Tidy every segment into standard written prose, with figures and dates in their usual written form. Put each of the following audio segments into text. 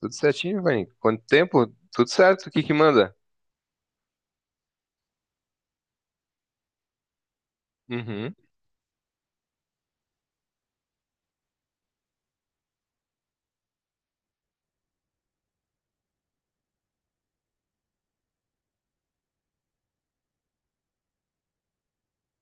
Tudo certinho, Vani. Quanto tempo? Tudo certo. O que que manda? Uhum,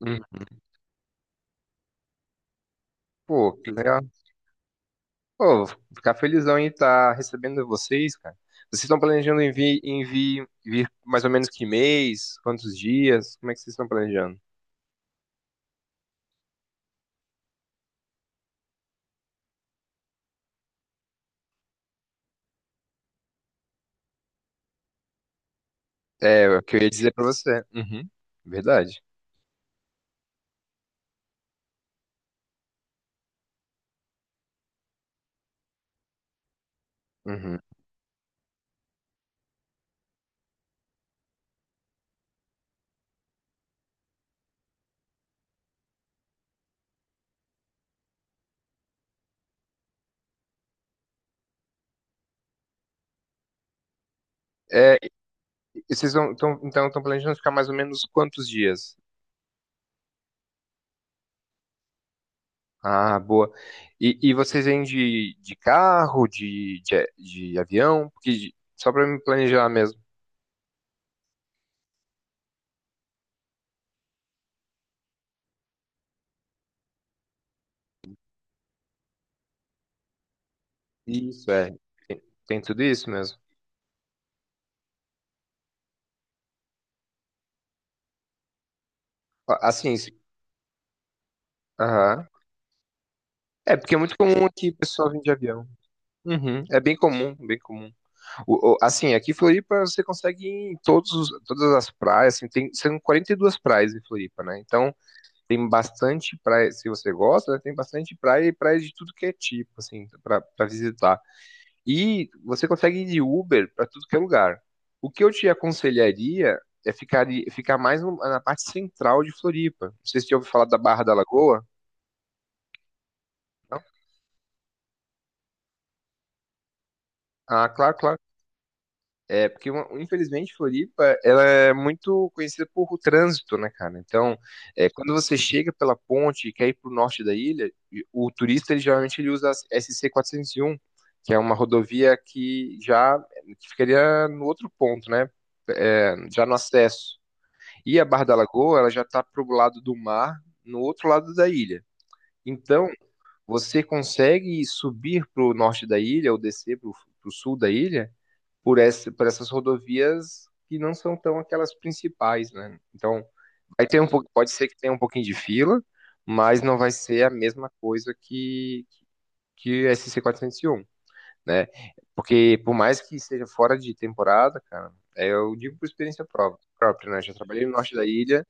uhum. Pô, que legal. Pô, vou ficar felizão em estar recebendo vocês, cara. Vocês estão planejando vir mais ou menos que mês? Quantos dias? Como é que vocês estão planejando? É, é o que eu ia dizer pra você. Uhum, verdade. Uhum. É, e vocês então estão planejando ficar mais ou menos quantos dias? Ah, boa. E vocês vêm de carro, de avião? Porque, só pra me planejar mesmo. Isso, é. Tem tudo isso mesmo. Assim, aham. É, porque é muito comum aqui o pessoal vir de avião. Uhum. É bem comum, bem comum. Assim, aqui em Floripa você consegue ir em todos, todas as praias, assim, tem, são 42 praias em Floripa, né? Então, tem bastante praia, se você gosta, né, tem bastante praia e praia de tudo que é tipo, assim, pra visitar. E você consegue ir de Uber para tudo que é lugar. O que eu te aconselharia é ficar mais na parte central de Floripa. Não sei se você ouviu falar da Barra da Lagoa. Não? Ah, claro, claro. É, porque infelizmente Floripa, ela é muito conhecida por o trânsito, né, cara? Então, é, quando você chega pela ponte e quer ir para o norte da ilha, o turista, ele geralmente ele usa a SC401, que é uma rodovia que ficaria no outro ponto, né? É, já no acesso. E a Barra da Lagoa, ela já está para o lado do mar, no outro lado da ilha. Então, você consegue subir para o norte da ilha ou descer para o sul da ilha por essas rodovias que não são tão aquelas principais, né? Então, vai ter um pouco, pode ser que tenha um pouquinho de fila, mas não vai ser a mesma coisa que SC401, né? Porque por mais que seja fora de temporada, cara, é, eu digo por experiência própria, né? Já trabalhei no norte da ilha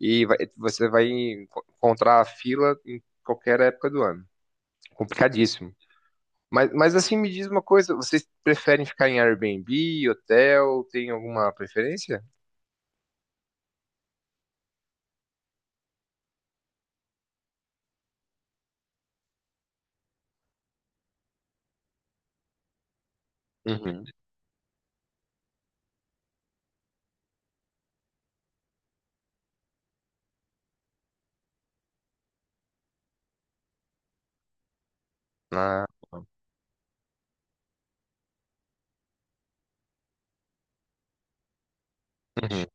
e você vai encontrar a fila em qualquer época do ano. Complicadíssimo. Mas assim, me diz uma coisa, vocês preferem ficar em Airbnb, hotel, tem alguma preferência? Uhum. Ah, uhum.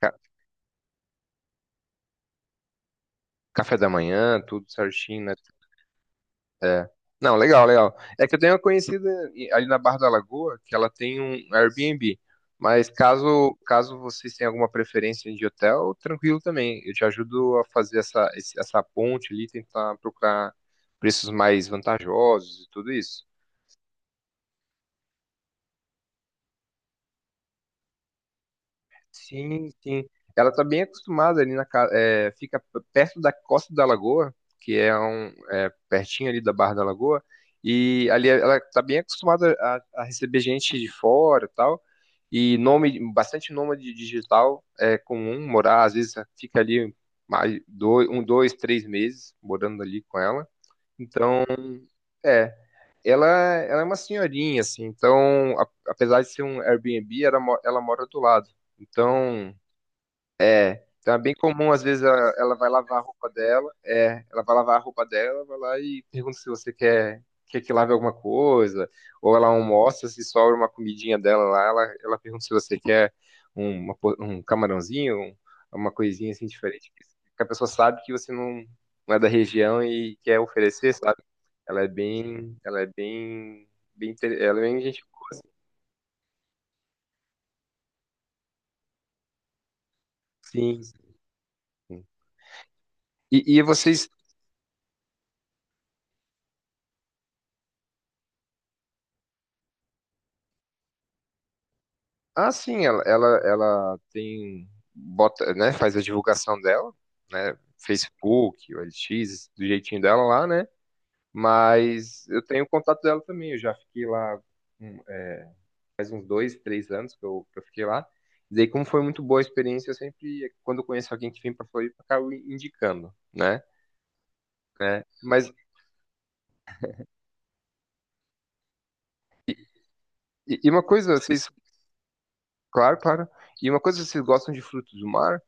Ca- Café da manhã, tudo certinho, né? É. Não, legal, legal. É que eu tenho uma conhecida ali na Barra da Lagoa que ela tem um Airbnb. Mas caso vocês tenham alguma preferência de hotel, tranquilo também. Eu te ajudo a fazer essa ponte ali, tentar procurar preços mais vantajosos e tudo isso. Sim, sim. Ela está bem acostumada ali na casa, é, fica perto da Costa da Lagoa, que é pertinho ali da Barra da Lagoa, e ali ela está bem acostumada a receber gente de fora, e tal. E nome, bastante nômade digital é comum morar, às vezes fica ali mais dois, um, dois, três meses morando ali com ela. Então, é, ela é uma senhorinha, assim, então, apesar de ser um Airbnb, ela mora do lado. Então, então é bem comum, às vezes ela vai lavar a roupa dela, é, ela vai lavar a roupa dela, vai lá e pergunta se você quer, que lave alguma coisa, ou ela almoça, se sobra uma comidinha dela lá, ela pergunta se você quer um camarãozinho, uma coisinha assim diferente, que a pessoa sabe que você não é da região e quer oferecer, sabe? Ela é bem, ela é bem, ela é bem gente, sim. Sim. E vocês, Ah, sim, ela tem, bota, né, faz a divulgação dela, né, Facebook, o LX, do jeitinho dela lá, né, mas eu tenho o contato dela também, eu já fiquei lá é, faz uns dois, três anos que eu fiquei lá, e daí como foi muito boa a experiência, eu sempre, quando eu conheço alguém que vem pra Floripa, eu acabo indicando, né, né, mas, e uma coisa, vocês, claro, claro, e uma coisa, vocês gostam de frutos do mar?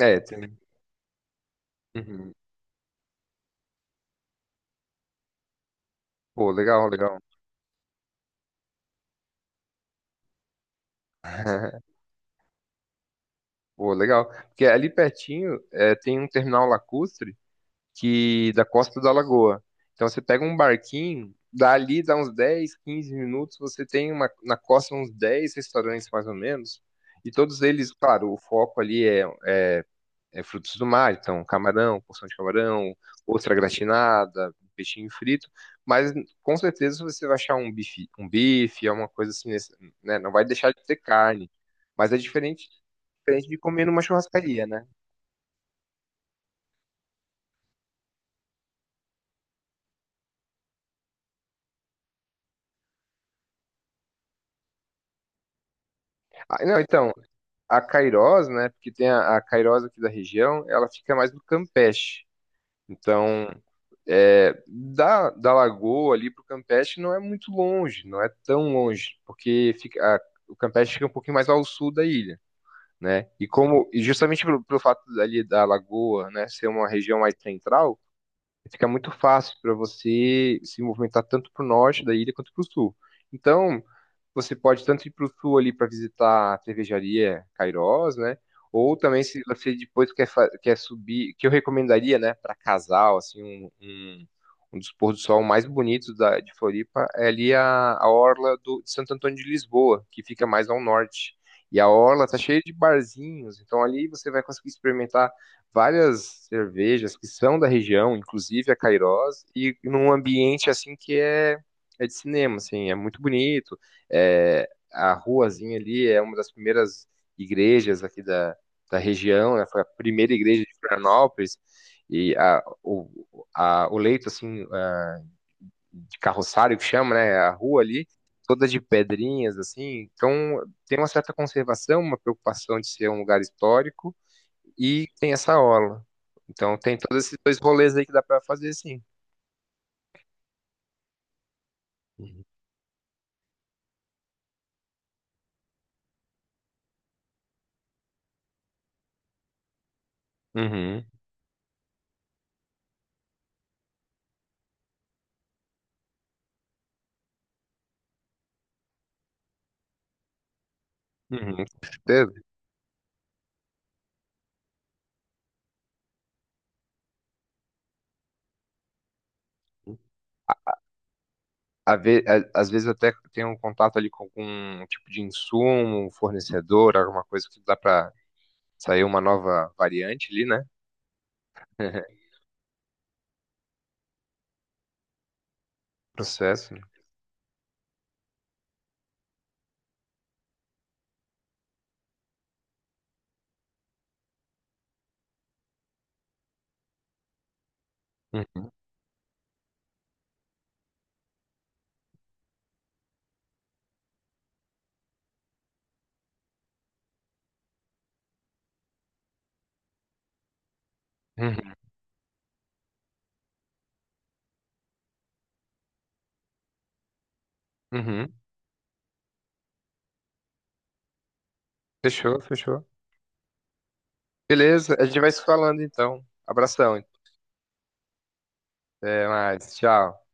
É, tem, uhum. Pô, legal, legal. Pô, legal. Porque ali pertinho é, tem um terminal lacustre que da Costa da Lagoa. Então você pega um barquinho, dali dá uns 10, 15 minutos, você tem na costa uns 10 restaurantes mais ou menos. E todos eles, claro, o foco ali é frutos do mar, então camarão, porção de camarão, ostra gratinada, peixinho frito. Mas com certeza você vai achar um bife, alguma coisa assim, né? Não vai deixar de ter carne. Mas é diferente, diferente de comer numa churrascaria, né? Ah, não, então, a Cairós, né, porque tem a Cairós aqui da região, ela fica mais no Campeche. Então, é, da Lagoa ali pro Campeche não é muito longe, não é tão longe, porque fica. O Campeche fica um pouquinho mais ao sul da ilha, né? E justamente pelo, fato ali da Lagoa, né, ser uma região mais central, fica muito fácil para você se movimentar tanto para o norte da ilha quanto para o sul. Então, você pode tanto ir para o sul ali para visitar a cervejaria Cairós, né? Ou também se você depois quer subir, que eu recomendaria, né, para casal, assim, um dos pôr do sol mais bonitos de Floripa é ali a orla de Santo Antônio de Lisboa, que fica mais ao norte. E a orla tá cheia de barzinhos, então ali você vai conseguir experimentar várias cervejas que são da região, inclusive a Cairós, e num ambiente assim que é de cinema, assim, é muito bonito. É, a ruazinha ali é uma das primeiras igrejas aqui da região, né? Foi a primeira igreja de Florianópolis e o leito assim de carroçário que chama, né? É a rua ali toda de pedrinhas assim, então tem uma certa conservação, uma preocupação de ser um lugar histórico e tem essa aula. Então tem todos esses dois rolês aí que dá pra fazer sim. Uhum. Uhum. Uhum, com certeza. Às vezes eu até tenho um contato ali com algum tipo de insumo, um fornecedor, alguma coisa que dá pra sair uma nova variante ali, né? Processo, né? Uhum. Uhum. Uhum. Fechou, fechou. Beleza, a gente vai se falando então. Abração. Até mais. Tchau.